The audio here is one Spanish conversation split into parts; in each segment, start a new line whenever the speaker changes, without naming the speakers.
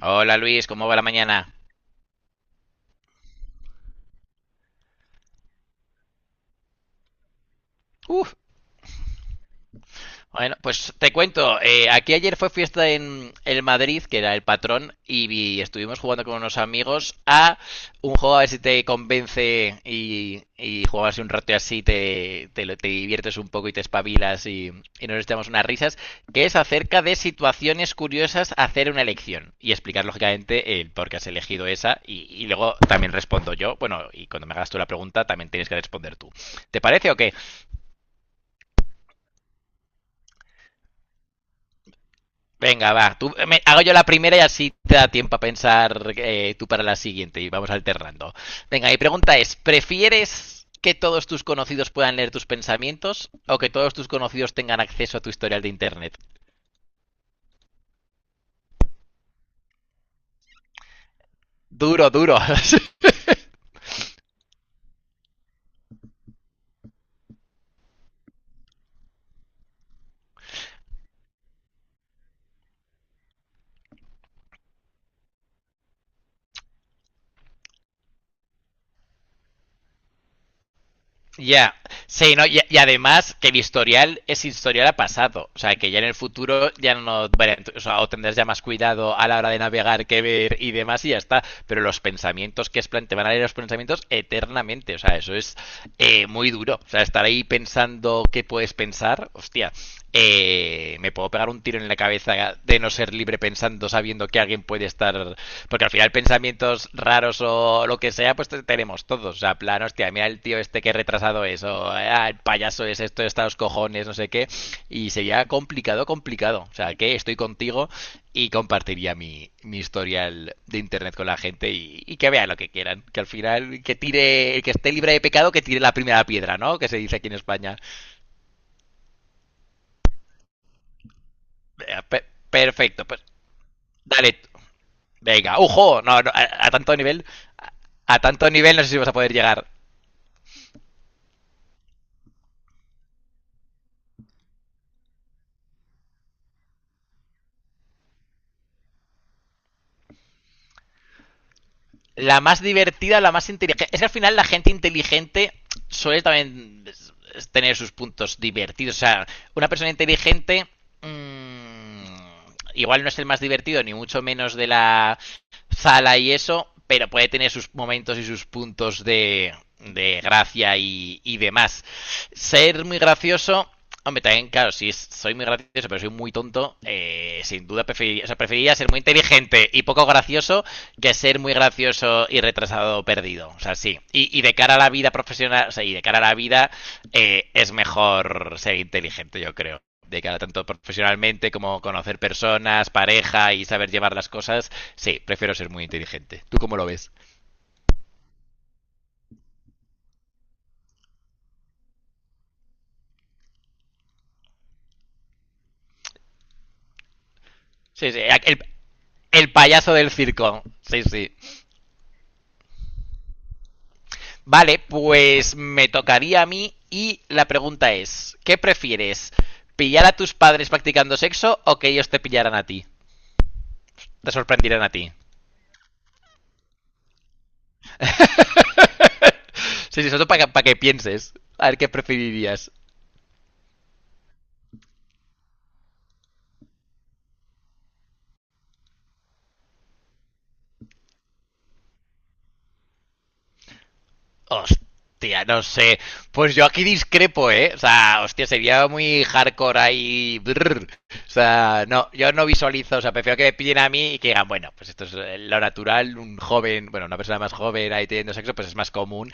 Hola Luis, ¿cómo va la mañana? Uf, bueno, pues te cuento, aquí ayer fue fiesta en el Madrid, que era el patrón, y, estuvimos jugando con unos amigos a un juego a ver si te convence y, jugabas un rato y así te diviertes un poco y te espabilas y nos echamos unas risas, que es acerca de situaciones curiosas hacer una elección y explicar lógicamente el por qué has elegido esa y luego también respondo yo, bueno, y cuando me hagas tú la pregunta también tienes que responder tú. ¿Te parece o qué? Venga, va. Tú, hago yo la primera y así te da tiempo a pensar tú para la siguiente y vamos alternando. Venga, mi pregunta es, ¿prefieres que todos tus conocidos puedan leer tus pensamientos o que todos tus conocidos tengan acceso a tu historial de internet? Duro, duro. Ya, sí, no, y además que el historial es historial a pasado, o sea, que ya en el futuro ya no, o sea, o tendrás ya más cuidado a la hora de navegar, que ver y demás y ya está, pero los pensamientos que es plan, te van a leer los pensamientos eternamente, o sea, eso es muy duro, o sea, estar ahí pensando qué puedes pensar, hostia, me puedo pegar un tiro en la cabeza de no ser libre pensando, sabiendo que alguien puede estar porque al final pensamientos raros o lo que sea, pues tenemos todos. O sea, plan, hostia, mira el tío este que retrasado es, o ah, el payaso es esto, está los cojones, no sé qué. Y sería complicado, complicado. O sea, que estoy contigo y compartiría mi historial de internet con la gente y que vean lo que quieran. Que al final, que tire, el que esté libre de pecado, que tire la primera piedra, ¿no? Que se dice aquí en España. pe- Perfecto, pues dale. Venga, ujo, no, no, a tanto nivel no sé si vas a poder llegar. La más divertida, la más inteligente. Es que al final la gente inteligente suele también tener sus puntos divertidos. O sea, una persona inteligente mmm, igual no es el más divertido, ni mucho menos de la sala y eso, pero puede tener sus momentos y sus puntos de gracia y demás. Ser muy gracioso. Hombre, también, claro, si es- soy muy gracioso, pero soy muy tonto, sin duda preferiría, o sea, preferiría ser muy inteligente y poco gracioso que ser muy gracioso y retrasado o perdido. O sea, sí. Y de cara a la vida profesional, o sea, y de cara a la vida, es mejor ser inteligente, yo creo. De cara tanto profesionalmente como conocer personas, pareja y saber llevar las cosas, sí, prefiero ser muy inteligente. ¿Tú cómo lo ves? Sí, sí, el payaso del circo. Sí, sí. Vale, pues me tocaría a mí y la pregunta es, ¿qué prefieres? ¿Pillar a tus padres practicando sexo o que ellos te pillaran a ti? Te sorprendieran a ti. Sí, sí, eso para que pienses. A ver qué preferirías. Hostia, no sé. Pues yo aquí discrepo, ¿eh? O sea, hostia, sería muy hardcore ahí. Brr. O sea, no, yo no visualizo, o sea, prefiero que me pillen a mí y que digan, bueno, pues esto es lo natural, un joven, bueno, una persona más joven ahí teniendo sexo, pues es más común.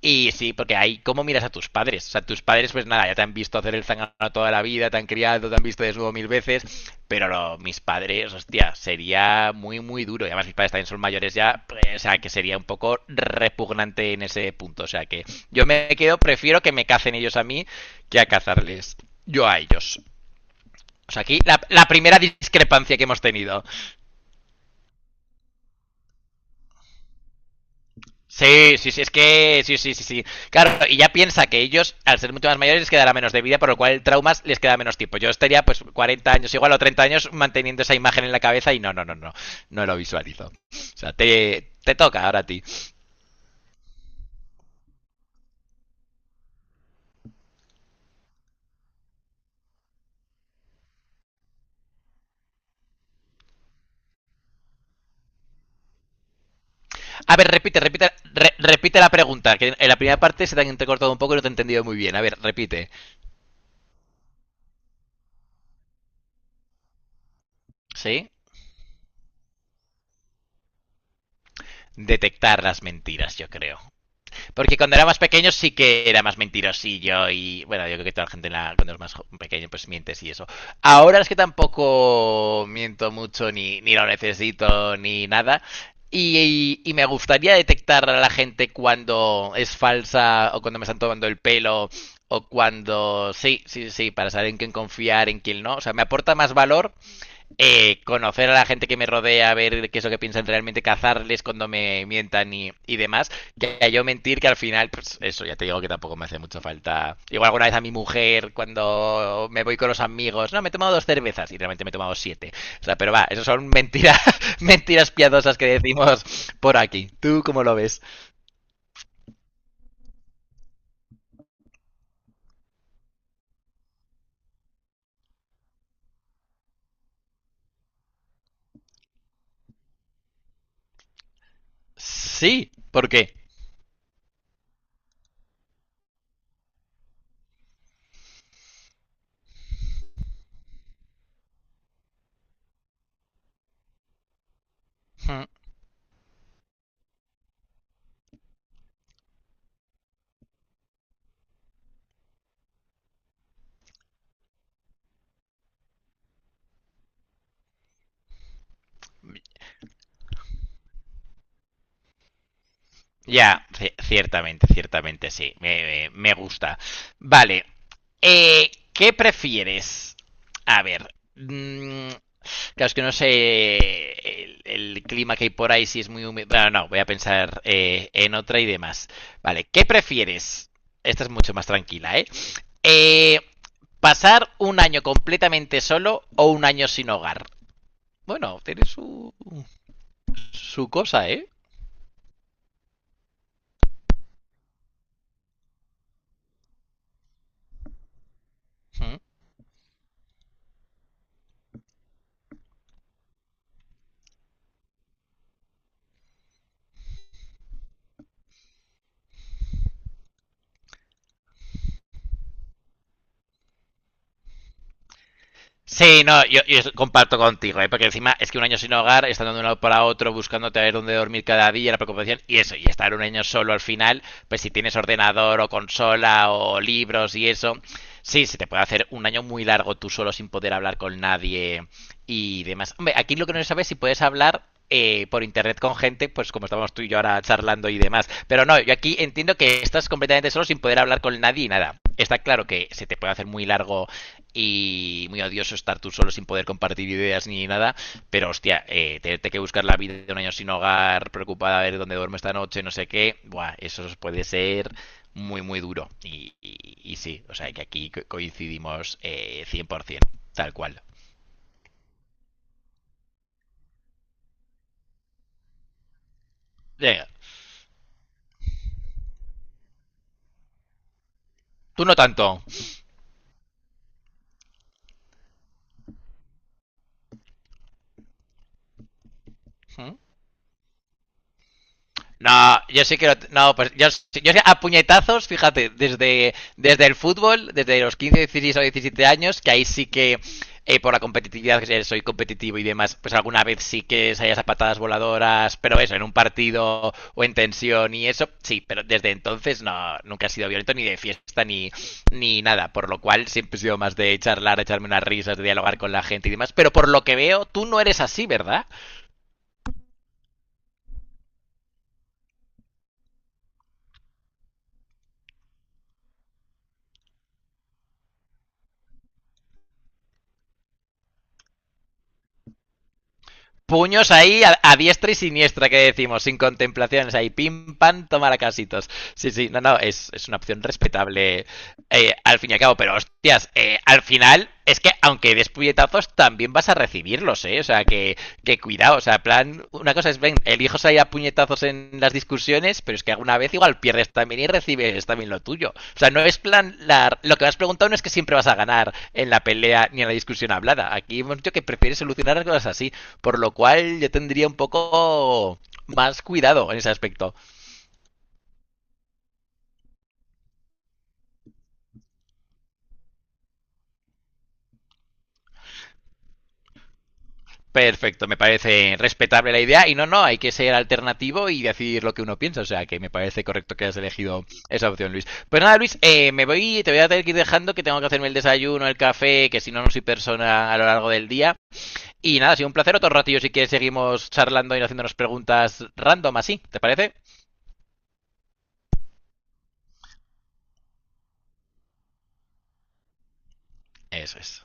Y sí, porque ahí, ¿cómo miras a tus padres? O sea, tus padres, pues nada, ya te han visto hacer el zangano toda la vida, te han criado, te han visto desnudo 1000 veces, pero mis padres, hostia, sería muy, muy duro. Y además mis padres también son mayores ya, pues, o sea, que sería un poco repugnante en ese punto. O sea, que yo me quedo, prefiero que me cacen ellos a mí que a cazarles yo a ellos. O sea, aquí primera discrepancia que hemos tenido. Sí, sí, sí, es que. Sí, sí, sí, sí. Claro, y ya piensa que ellos, al ser mucho más mayores, les quedará menos de vida, por lo cual el trauma les queda menos tiempo. Yo estaría, pues, 40 años igual o 30 años manteniendo esa imagen en la cabeza y no, no, no, no. No lo visualizo. O sea, te toca ahora a ti. A ver, repite, repite, repite la pregunta, que en la primera parte se te han entrecortado un poco y no te he entendido muy bien. A ver, repite. ¿Sí? Detectar las mentiras, yo creo. Porque cuando era más pequeño sí que era más mentirosillo y bueno, yo creo que toda la gente cuando es más pequeño pues mientes y eso. Ahora es que tampoco miento mucho ni, ni lo necesito ni nada. Y, y me gustaría detectar a la gente cuando es falsa o cuando me están tomando el pelo o cuando sí, sí, sí, para saber en quién confiar, en quién no. O sea, me aporta más valor conocer a la gente que me rodea, ver qué es lo que piensan realmente, cazarles cuando me mientan y demás, que a yo mentir que al final, pues eso ya te digo que tampoco me hace mucha falta. Igual alguna vez a mi mujer cuando me voy con los amigos, no, me he tomado dos cervezas y realmente me he tomado siete. O sea, pero va, eso son mentiras, mentiras piadosas que decimos por aquí. ¿Tú cómo lo ves? Sí, ¿por qué? Ya, ciertamente, ciertamente, sí. Me, me gusta. Vale. ¿Qué prefieres? A ver. Claro, es que no sé el, el clima que hay por ahí, si es muy húmedo. Bueno, no, voy a pensar en otra y demás. Vale, ¿qué prefieres? Esta es mucho más tranquila, ¿eh? Eh, ¿Pasar un año completamente solo o un año sin hogar? Bueno, tiene su, su cosa, ¿eh? Sí, no, yo comparto contigo, ¿eh? Porque encima es que un año sin hogar, estando de un lado para otro, buscándote a ver dónde dormir cada día, la preocupación, y eso, y estar un año solo al final, pues si tienes ordenador o consola o libros y eso, sí, se te puede hacer un año muy largo tú solo sin poder hablar con nadie y demás. Hombre, aquí lo que no se sabe es si puedes hablar por internet con gente, pues como estamos tú y yo ahora charlando y demás. Pero no, yo aquí entiendo que estás completamente solo sin poder hablar con nadie y nada. Está claro que se te puede hacer muy largo y muy odioso estar tú solo sin poder compartir ideas ni nada, pero hostia, tenerte que buscar la vida de un año sin hogar, preocupada a ver dónde duermo esta noche, no sé qué, buah, eso puede ser muy, muy duro. Y, y sí, o sea que aquí coincidimos 100%, tal cual. Venga, tú no tanto. ¿Mm? No, yo sí quiero. No, pues yo, sí, yo sí, a puñetazos, fíjate, desde, desde el fútbol, desde los 15, 16 o 17 años, que ahí sí que por la competitividad, que soy competitivo y demás, pues alguna vez sí que salías a patadas voladoras, pero eso, en un partido o en tensión y eso, sí, pero desde entonces no, nunca he sido violento ni de fiesta ni, ni nada, por lo cual siempre he sido más de charlar, de echarme unas risas, de dialogar con la gente y demás, pero por lo que veo, tú no eres así, ¿verdad? Puños ahí diestra y siniestra, que decimos, sin contemplaciones, ahí pim, pam, tomar a casitos. Sí, sí, no, no, es una opción respetable al fin y al cabo, pero hostias, al final es que aunque des puñetazos, también vas a recibirlos, ¿eh? O sea, que cuidado, o sea, plan, una cosa es, ven, elijos ahí a puñetazos en las discusiones, pero es que alguna vez igual pierdes también y recibes también lo tuyo. O sea, no es plan, la, lo que me has preguntado no es que siempre vas a ganar en la pelea ni en la discusión hablada. Aquí hemos dicho que prefieres solucionar las cosas así. Por lo cual yo tendría un poco más cuidado en ese aspecto. Perfecto, me parece respetable la idea y no, no, hay que ser alternativo y decir lo que uno piensa, o sea que me parece correcto que hayas elegido esa opción, Luis. Pues nada, Luis, me voy, te voy a tener que ir dejando que tengo que hacerme el desayuno, el café, que si no, no soy persona a lo largo del día. Y nada, ha sido un placer, otro ratillo si quieres seguimos charlando y haciéndonos preguntas random así, ¿te parece? Eso es,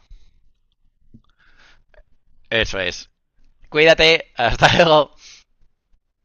eso es. Cuídate, hasta luego.